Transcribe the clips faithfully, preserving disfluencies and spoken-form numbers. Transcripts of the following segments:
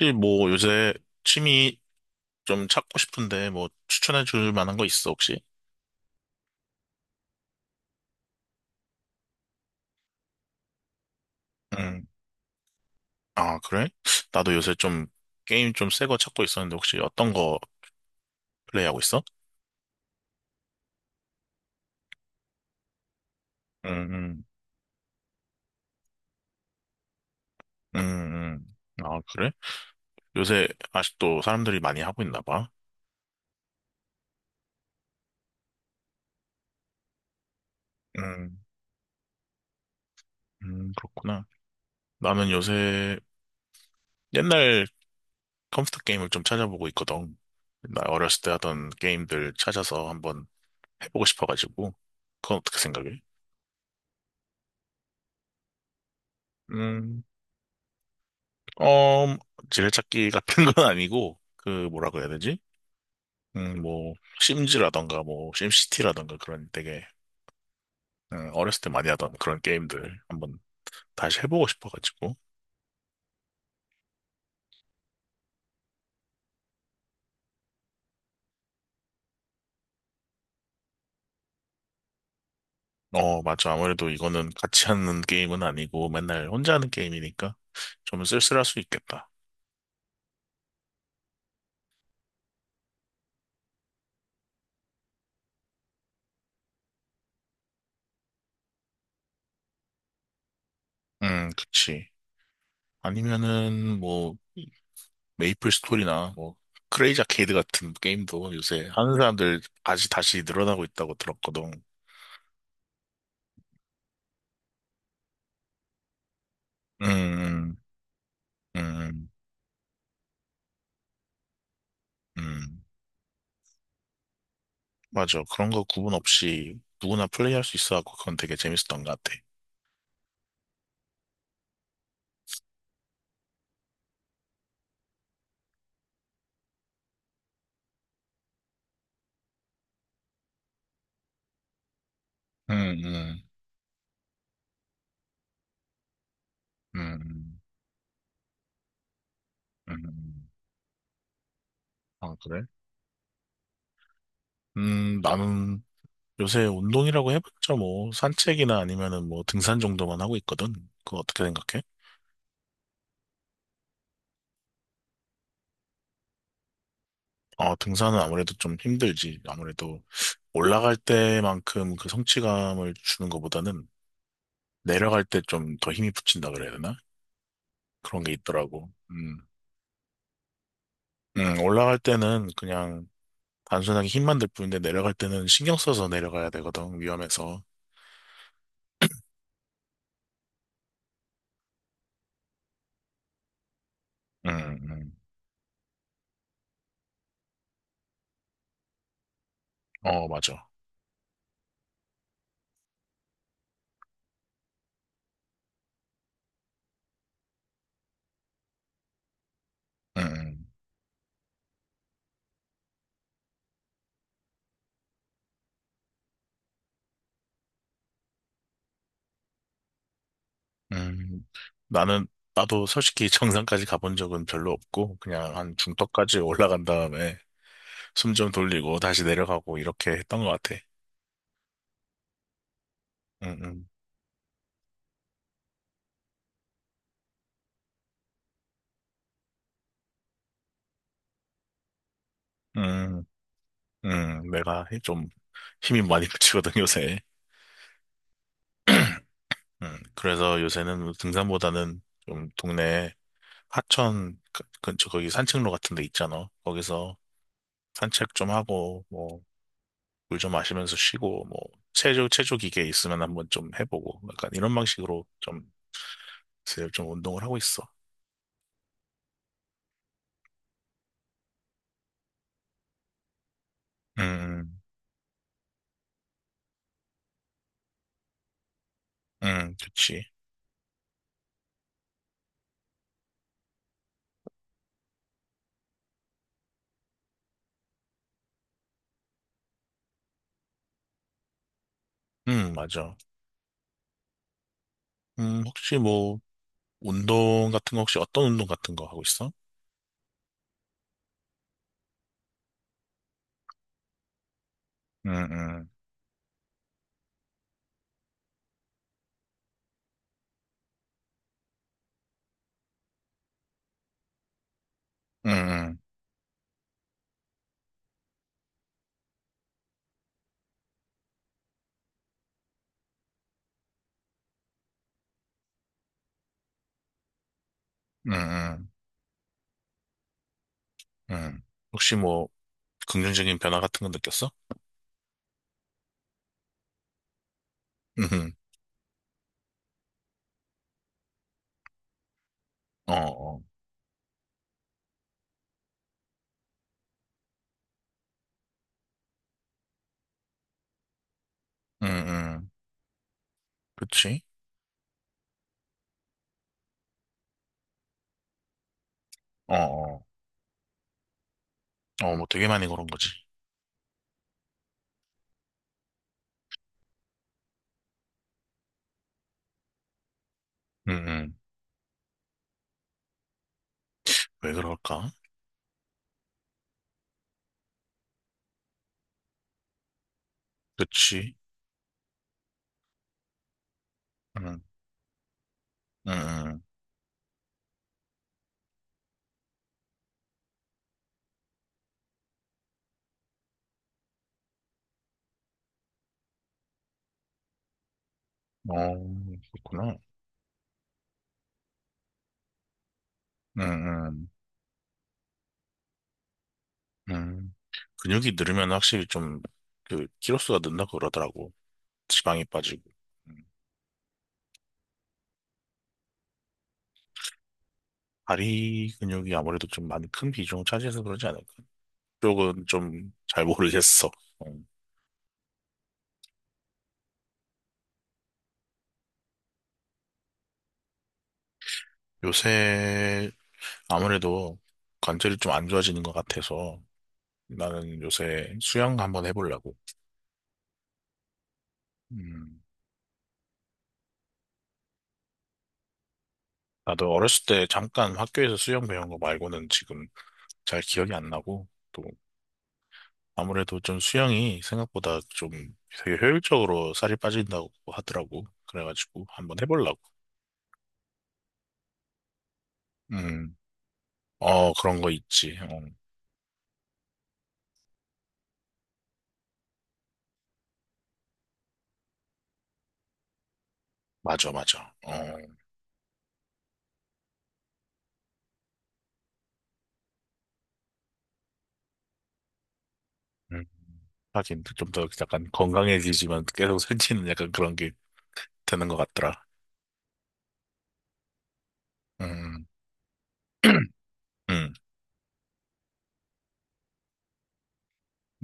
혹시 뭐 요새 취미 좀 찾고 싶은데 뭐 추천해 줄 만한 거 있어 혹시? 음. 아, 그래? 나도 요새 좀 게임 좀 새 거 찾고 있었는데 혹시 어떤 거 플레이하고 있어? 음, 음, 음, 음. 아, 그래? 요새 아직도 사람들이 많이 하고 있나 봐. 음, 음, 그렇구나. 나는 요새 옛날 컴퓨터 게임을 좀 찾아보고 있거든. 나 어렸을 때 하던 게임들 찾아서 한번 해보고 싶어가지고. 그건 어떻게 생각해? 음. 어, 지뢰찾기 같은 건 아니고, 그, 뭐라고 해야 되지? 음, 뭐, 심즈라던가, 뭐, 심시티라던가, 그런 되게, 음, 어렸을 때 많이 하던 그런 게임들 한번 다시 해보고 싶어가지고. 어, 맞아. 아무래도 이거는 같이 하는 게임은 아니고, 맨날 혼자 하는 게임이니까 좀 쓸쓸할 수 있겠다. 음, 그치. 아니면은, 뭐, 메이플 스토리나, 뭐, 크레이지 아케이드 같은 게임도 요새 하는 사람들 다시 다시 늘어나고 있다고 들었거든. 음, 음. 음. 음, 맞아. 그런 거 구분 없이 누구나 플레이할 수 있어갖고 그건 되게 재밌었던 것 같아. 음, 음, 음, 음. 아, 그래? 음, 나는 요새 운동이라고 해봤자 뭐 산책이나 아니면은 뭐 등산 정도만 하고 있거든. 그거 어떻게 생각해? 어, 등산은 아무래도 좀 힘들지. 아무래도 올라갈 때만큼 그 성취감을 주는 것보다는 내려갈 때 좀 더 힘이 붙인다 그래야 되나? 그런 게 있더라고. 음. 음, 올라갈 때는 그냥 단순하게 힘만 들 뿐인데 내려갈 때는 신경 써서 내려가야 되거든, 위험해서. 응응. 어, 맞아. 응응. 음. 나는, 나도 솔직히 정상까지 가본 적은 별로 없고, 그냥 한 중턱까지 올라간 다음에 숨 좀 돌리고 다시 내려가고 이렇게 했던 것 같아. 응응. 음, 음. 음. 내가 좀 힘이 많이 붙이거든, 요새. 음, 그래서 요새는 등산보다는 좀 동네 하천 그- 근처 거기 산책로 같은 데 있잖아. 거기서 산책 좀 하고, 뭐, 물 좀 마시면서 쉬고 뭐 체조 체조 기계 있으면 한번 좀 해보고 약간 이런 방식으로 좀 요새 좀 운동을 하고 있어. 음, 음, 그치. 음, 맞아. 음, 혹시 뭐 운동 같은 거 혹시 어떤 운동 같은 거 하고 있어? 음, 음, 음, 음, 음, 음. 음. 혹시 뭐 긍정적인 변화 같은 거 느꼈어? 음, 어, 어, 음, 음, 그치. 어, 어, 어, 뭐 되게 많이 그런 거지. 음, 음. 왜 그럴까? 그치. 음, 음, 음. 어, 그렇구나. 음, 음, 음. 근육이 늘으면 확실히 좀, 그, 키로수가 는다 그러더라고. 지방이 빠지고. 음. 다리 근육이 아무래도 좀 많이 큰 비중을 차지해서 그러지 않을까. 쪽은 좀 잘 모르겠어. 음. 요새 아무래도 관절이 좀 안 좋아지는 것 같아서 나는 요새 수영 한번 해보려고. 음. 나도 어렸을 때 잠깐 학교에서 수영 배운 거 말고는 지금 잘 기억이 안 나고. 또 아무래도 좀 수영이 생각보다 좀 되게 효율적으로 살이 빠진다고 하더라고. 그래가지고 한번 해보려고. 음, 어, 그런 거 있지. 어, 맞아, 맞아. 어, 음. 하긴 좀 더 약간 건강해지지만 계속 살찌는 약간 그런 게 되는 것 같더라. 음, 음,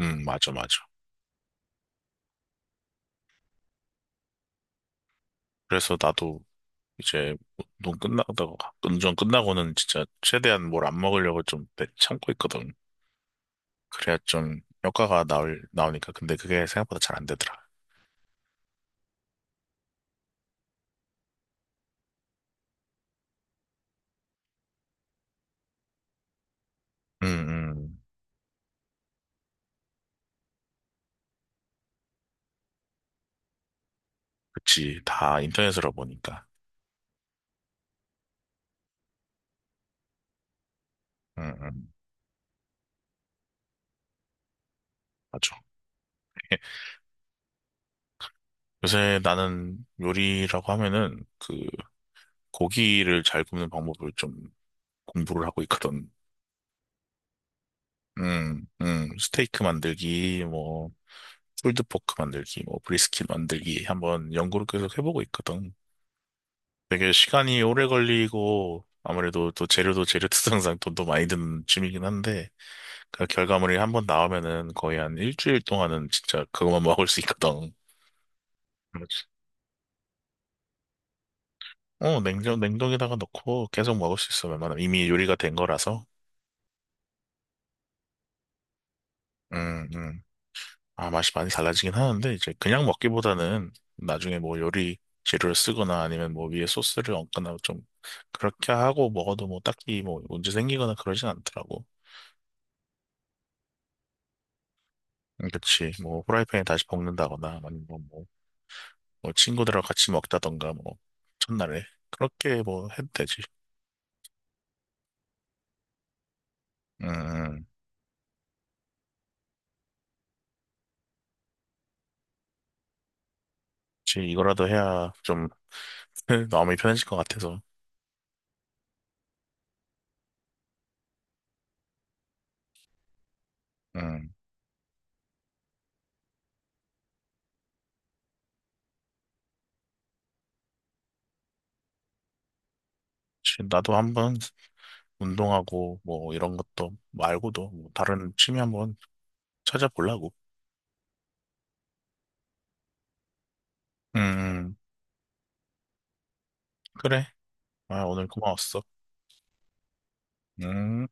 음, 맞아, 맞아. 그래서 나도 이제 운동 끝나고, 운전 끝나고는 진짜 최대한 뭘 안 먹으려고 좀 참고 있거든. 그래야 좀 효과가 나올, 나오니까. 근데 그게 생각보다 잘 안 되더라. 음, 음. 그치. 다 인터넷으로 보니까. 응, 응, 맞아. 요새 나는 요리라고 하면은 그 고기를 잘 굽는 방법을 좀 공부를 하고 있거든. 음, 음. 스테이크 만들기, 뭐, 풀드 포크 만들기, 뭐, 브리스킷 만들기 한번 연구를 계속 해보고 있거든. 되게 시간이 오래 걸리고 아무래도 또 재료도 재료 특성상 돈도 많이 드는 취미긴 한데 그 결과물이 한번 나오면은 거의 한 일주일 동안은 진짜 그것만 먹을 수 있거든. 그렇지. 어, 냉동, 냉동에다가 넣고 계속 먹을 수 있어, 웬만하면. 이미 요리가 된 거라서. 음, 음. 아, 맛이 많이 달라지긴 하는데, 이제 그냥 먹기보다는 나중에 뭐 요리 재료를 쓰거나 아니면 뭐 위에 소스를 얹거나 좀 그렇게 하고 먹어도 뭐 딱히 뭐 문제 생기거나 그러진 않더라고. 음, 그치. 뭐 후라이팬에 다시 볶는다거나 아니면 뭐, 뭐 친구들하고 같이 먹다던가 뭐 첫날에 그렇게 뭐 해도 되지. 음, 지 이거라도 해야 좀 마음이 편해질 것 같아서. 음, 지 나도 한번 운동하고 뭐 이런 것도 말고도 뭐 다른 취미 한번 찾아보려고. 음, 그래. 아, 오늘 고마웠어. 음.